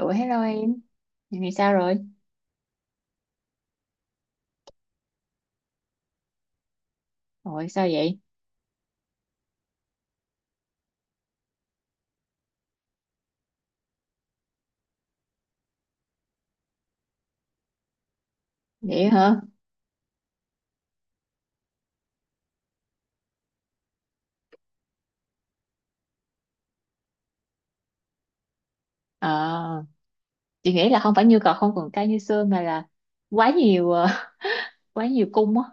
Ủa hello em, dạo này sao rồi? Ủa sao vậy? Vậy hả? Ờ, chị nghĩ là không phải nhu cầu không còn cao như xưa mà là quá nhiều quá nhiều cung á.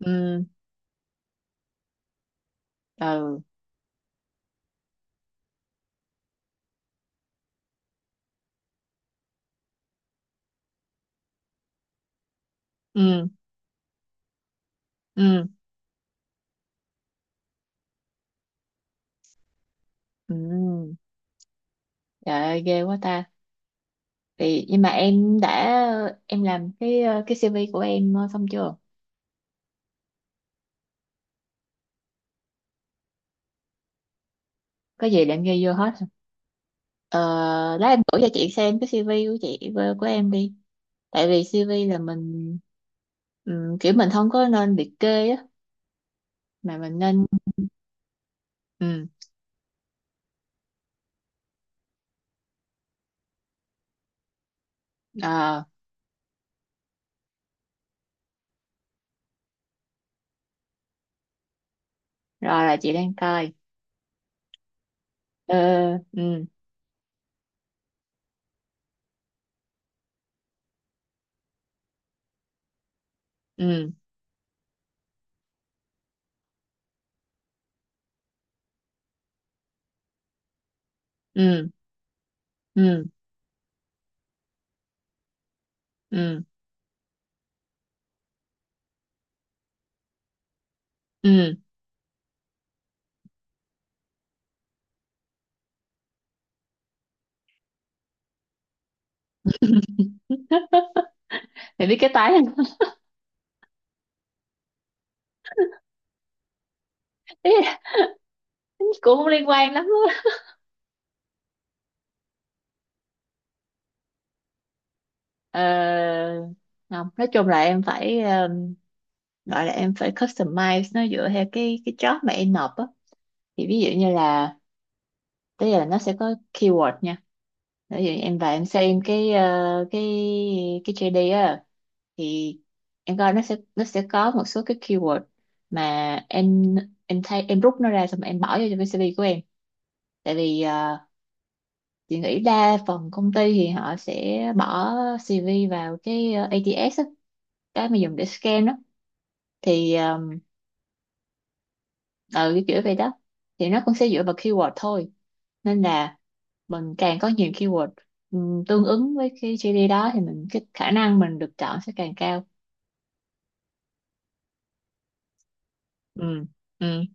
Ừ, ừ, ừ, ừ, ừ. Trời ơi, ghê quá ta. Thì nhưng mà em đã em làm cái CV của em xong chưa? Có gì để em ghi vô hết. Ờ, lát em gửi cho chị xem cái CV của em đi. Tại vì CV là kiểu mình không có nên liệt kê á, mà mình nên ừ. Ờ, rồi là chị đang coi. Ờ, ừ, ừ, ừ, ừ, ừ, ừ. Thì biết cái tái. Ý là cũng không liên quan lắm á. Ờ, không, nói chung là em phải gọi là em phải customize nó dựa theo cái job mà em nộp á. Thì ví dụ như là, tức là nó sẽ có keyword nha. Ví dụ em vào em xem cái ờ, cái cái JD á, thì em coi nó sẽ có một số cái keyword mà em em thay em rút nó ra xong rồi em bỏ vô trong cái CV của em. Tại vì chị nghĩ đa phần công ty thì họ sẽ bỏ CV vào cái ATS á, cái mà dùng để scan đó. Thì ừ cái kiểu vậy đó. Thì nó cũng sẽ dựa vào keyword thôi, nên là mình càng có nhiều keyword tương ứng với cái GD đó, thì mình cái khả năng mình được chọn sẽ càng cao. Ừ, ừ.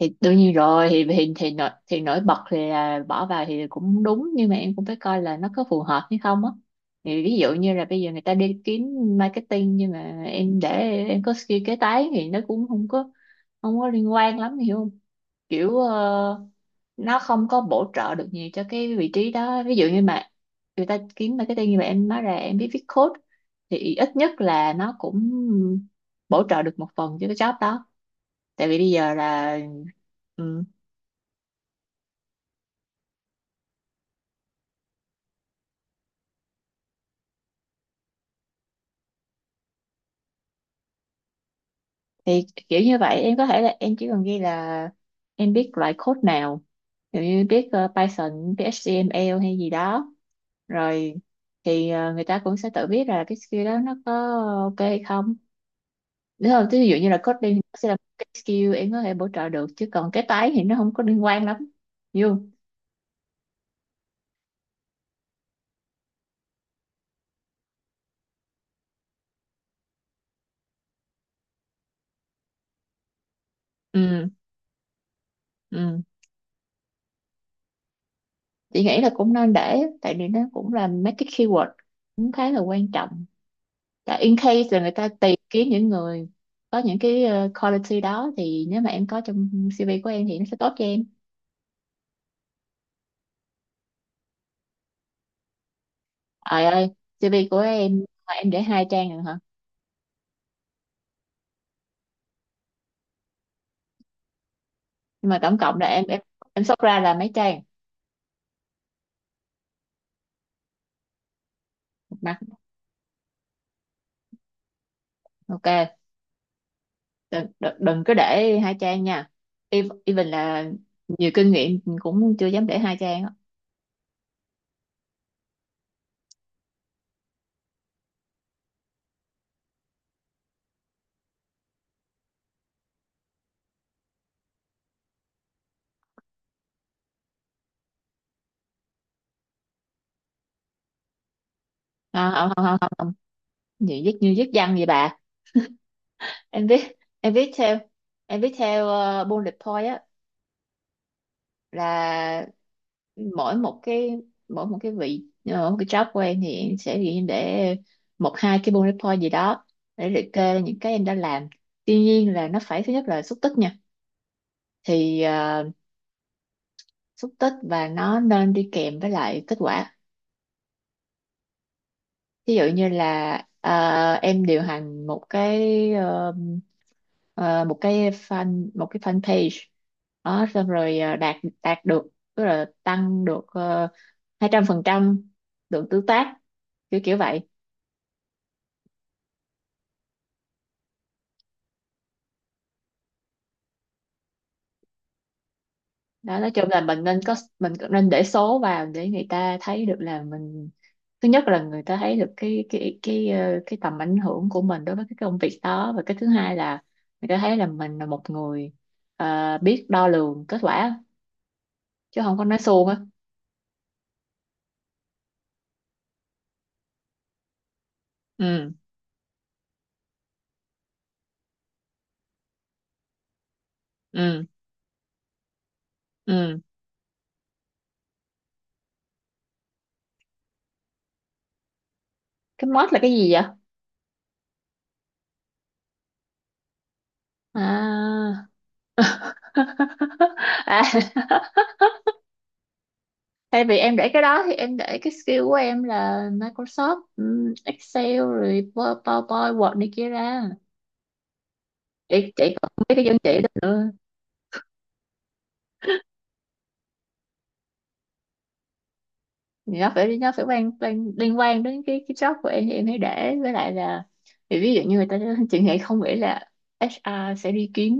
Thì đương nhiên rồi, thì nổi bật thì là bỏ vào thì cũng đúng, nhưng mà em cũng phải coi là nó có phù hợp hay không á. Thì ví dụ như là bây giờ người ta đi kiếm marketing, nhưng mà em để em có skill kế toán thì nó cũng không có liên quan lắm, hiểu không? Kiểu nó không có bổ trợ được nhiều cho cái vị trí đó. Ví dụ như mà người ta kiếm marketing như vậy, em nói ra em biết viết code thì ít nhất là nó cũng bổ trợ được một phần cho cái job đó. Tại vì bây giờ là ừ, thì kiểu như vậy, em có thể là em chỉ cần ghi là em biết loại code nào, ví dụ như biết Python, biết HTML hay gì đó, rồi thì người ta cũng sẽ tự biết là cái skill đó nó có ok hay không. Đúng không? Thí dụ như là coding thì nó sẽ là một cái skill em có thể bổ trợ được, chứ còn cái tái thì nó không có liên quan lắm. Hiểu không? Ừ, ừ. Chị nghĩ là cũng nên để, tại vì nó cũng là mấy cái keyword cũng khá là quan trọng. Tại in case là người ta tìm kiếm những người có những cái quality đó, thì nếu mà em có trong CV của em thì nó sẽ tốt cho em. Trời ơi, CV của em mà em để 2 trang rồi hả? Nhưng mà tổng cộng là em sort ra là mấy trang? Một mặt. Ok, đừng, đừng, đừng có để 2 trang nha. Even là nhiều kinh nghiệm cũng chưa dám để 2 trang á. À, không, không, không, không, không, như viết văn vậy bà. Em viết em viết theo em viết theo bullet point á, là mỗi một cái mỗi một cái job của em thì em sẽ ghi để một hai cái bullet point gì đó, để liệt kê ra những cái em đã làm. Tuy nhiên là nó phải, thứ nhất là xúc tích nha. thì ờ, Xúc tích và nó nên đi kèm với lại kết quả. Ví dụ như là em điều hành một cái fan page đó, xong rồi đạt đạt được, tức là tăng được 200% lượng tương tác, kiểu kiểu vậy đó. Nói chung là mình cũng nên để số vào, để người ta thấy được là mình, thứ nhất là người ta thấy được cái tầm ảnh hưởng của mình đối với cái công việc đó, và cái thứ hai là người ta thấy là mình là một người biết đo lường kết quả, chứ không có nói suông á. Ừ, ừ, ừ. Cái mod là cái gì vậy? À. À. Thay vì em để cái đó thì em để cái skill của em là Microsoft Excel, rồi PowerPoint, Word này kia ra. Chị còn không biết cái dân chị đó nữa. Thì nó phải quan, quan liên quan đến cái job của em thì em hãy để, với lại là thì ví dụ như người ta chị nghĩ không nghĩ là HR sẽ đi kiếm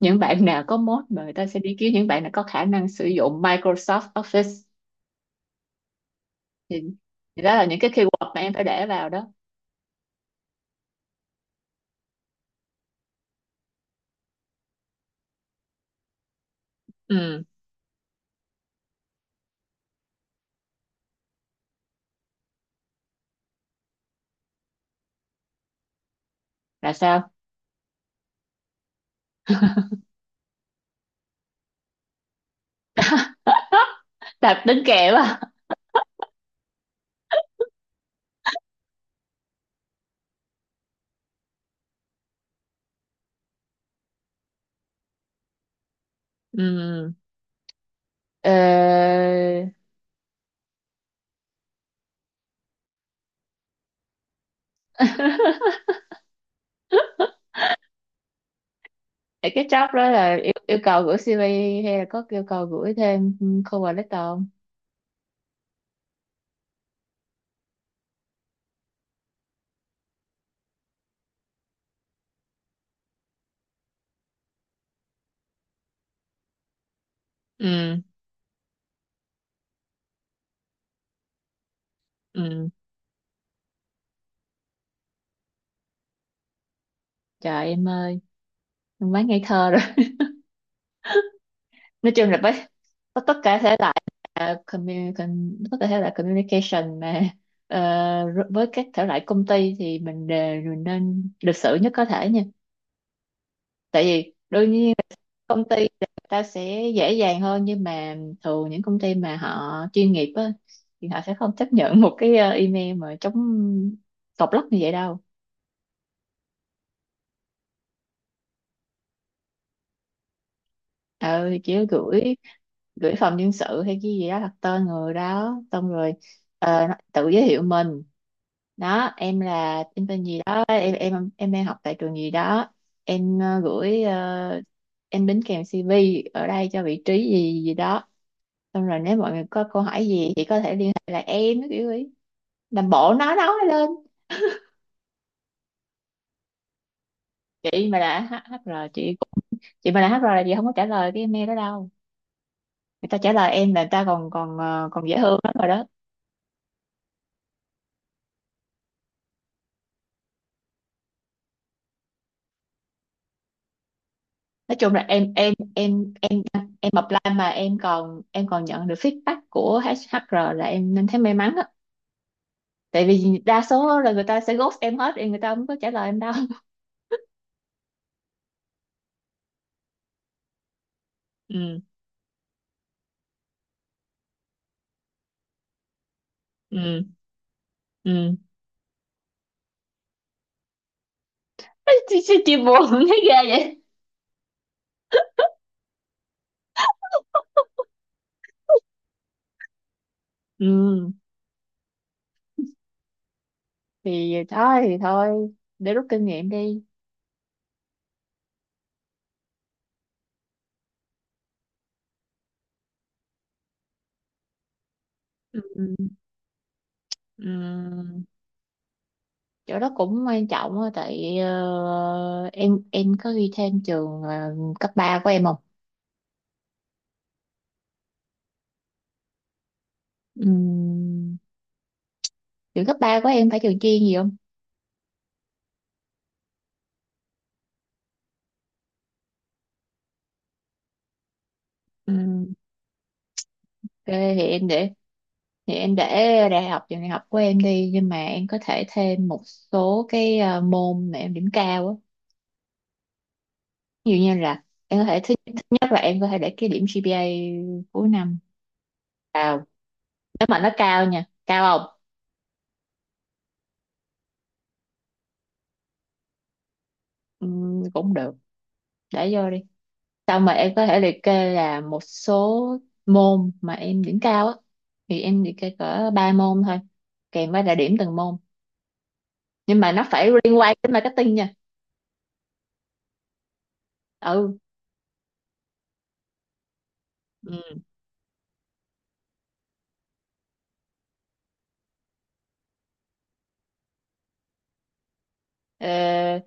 những bạn nào có mốt, mà người ta sẽ đi kiếm những bạn nào có khả năng sử dụng Microsoft Office. Thì, thì đó là những cái keyword mà em phải để vào đó. Ừ, là sao? Đạp đính kèm à? Ừ. Ờ, vậy cái job đó là yêu cầu gửi CV, hay là có yêu cầu gửi thêm cover letter không? Ừ, ừ. Trời em ơi, em quá ngây thơ rồi. Nói chung là bác, có tất cả thể loại, communication mà. Ờ, r- với các thể loại công ty thì mình nên lịch sự nhất có thể nha. Tại vì đương nhiên công ty thì người ta sẽ dễ dàng hơn, nhưng mà thường những công ty mà họ chuyên nghiệp á, thì họ sẽ không chấp nhận một cái email mà chống tọc lắc như vậy đâu. Ờ chỉ gửi gửi phòng nhân sự hay cái gì đó, đặt tên người đó, xong rồi tự giới thiệu mình, đó em là em tên gì đó, em đang học tại trường gì đó, em ờ, gửi ờ, em đính kèm CV ở đây cho vị trí gì gì đó, xong rồi nếu mọi người có câu hỏi gì thì có thể liên hệ lại em cái kiểu ấy. Làm bộ nói lên. Chị mà là HR, chị mà là HR là chị không có trả lời cái email đó đâu. Người ta trả lời em là người ta còn còn ờ, còn dễ thương lắm rồi đó. Nói chung là em apply mà em còn, em còn nhận được feedback của HR là em nên thấy may mắn á. Tại vì đa số là người ta sẽ ghost em hết, thì người ta không có trả lời em đâu. Ừ, ừ, ừ. Chị buồn thấy ghê vậy. Ừ, thì thôi, để rút kinh nghiệm đi. Ừ, ừ. Ừ. Chỗ đó cũng quan trọng á. Tại em có ghi thêm trường cấp 3 của em không? Ừ. Trường cấp 3 của em phải trường chuyên gì không? Ừ, ok thì em để, thì em để đại học trường đại học của em đi, nhưng mà em có thể thêm một số cái môn mà em điểm cao á. Ví dụ như là em có thể, thứ nhất là em có thể để cái điểm GPA cuối năm cao, nếu mà nó cao nha, cao không? Ừ, cũng được, để vô đi. Xong mà em có thể liệt kê là một số môn mà em điểm cao á, thì em liệt kê cỡ 3 môn thôi, kèm với là điểm từng môn. Nhưng mà nó phải liên quan đến marketing nha. Ừ. Ừ.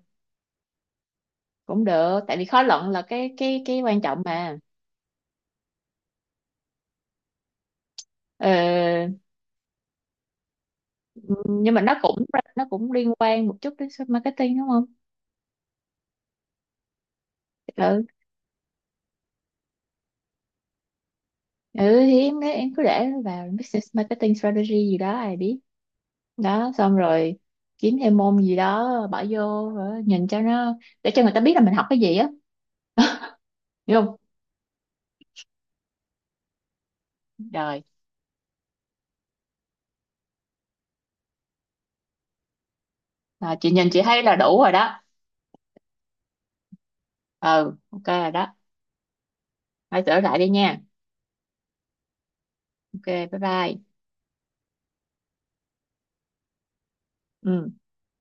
Cũng được, tại vì khó luận là cái quan trọng mà. Ờ, nhưng mà nó cũng liên quan một chút đến marketing, đúng không? Ừ, ừ. Thì em cứ để nó vào business marketing strategy gì đó, ai biết. Đó, xong rồi kiếm thêm môn gì đó bỏ vô rồi nhìn cho nó, để cho người ta biết là mình học cái gì á. Hiểu không? Rồi. À, chị nhìn chị thấy là đủ rồi đó. Ừ, ok rồi đó, phải sửa lại đi nha. Ok, bye bye. Ừ.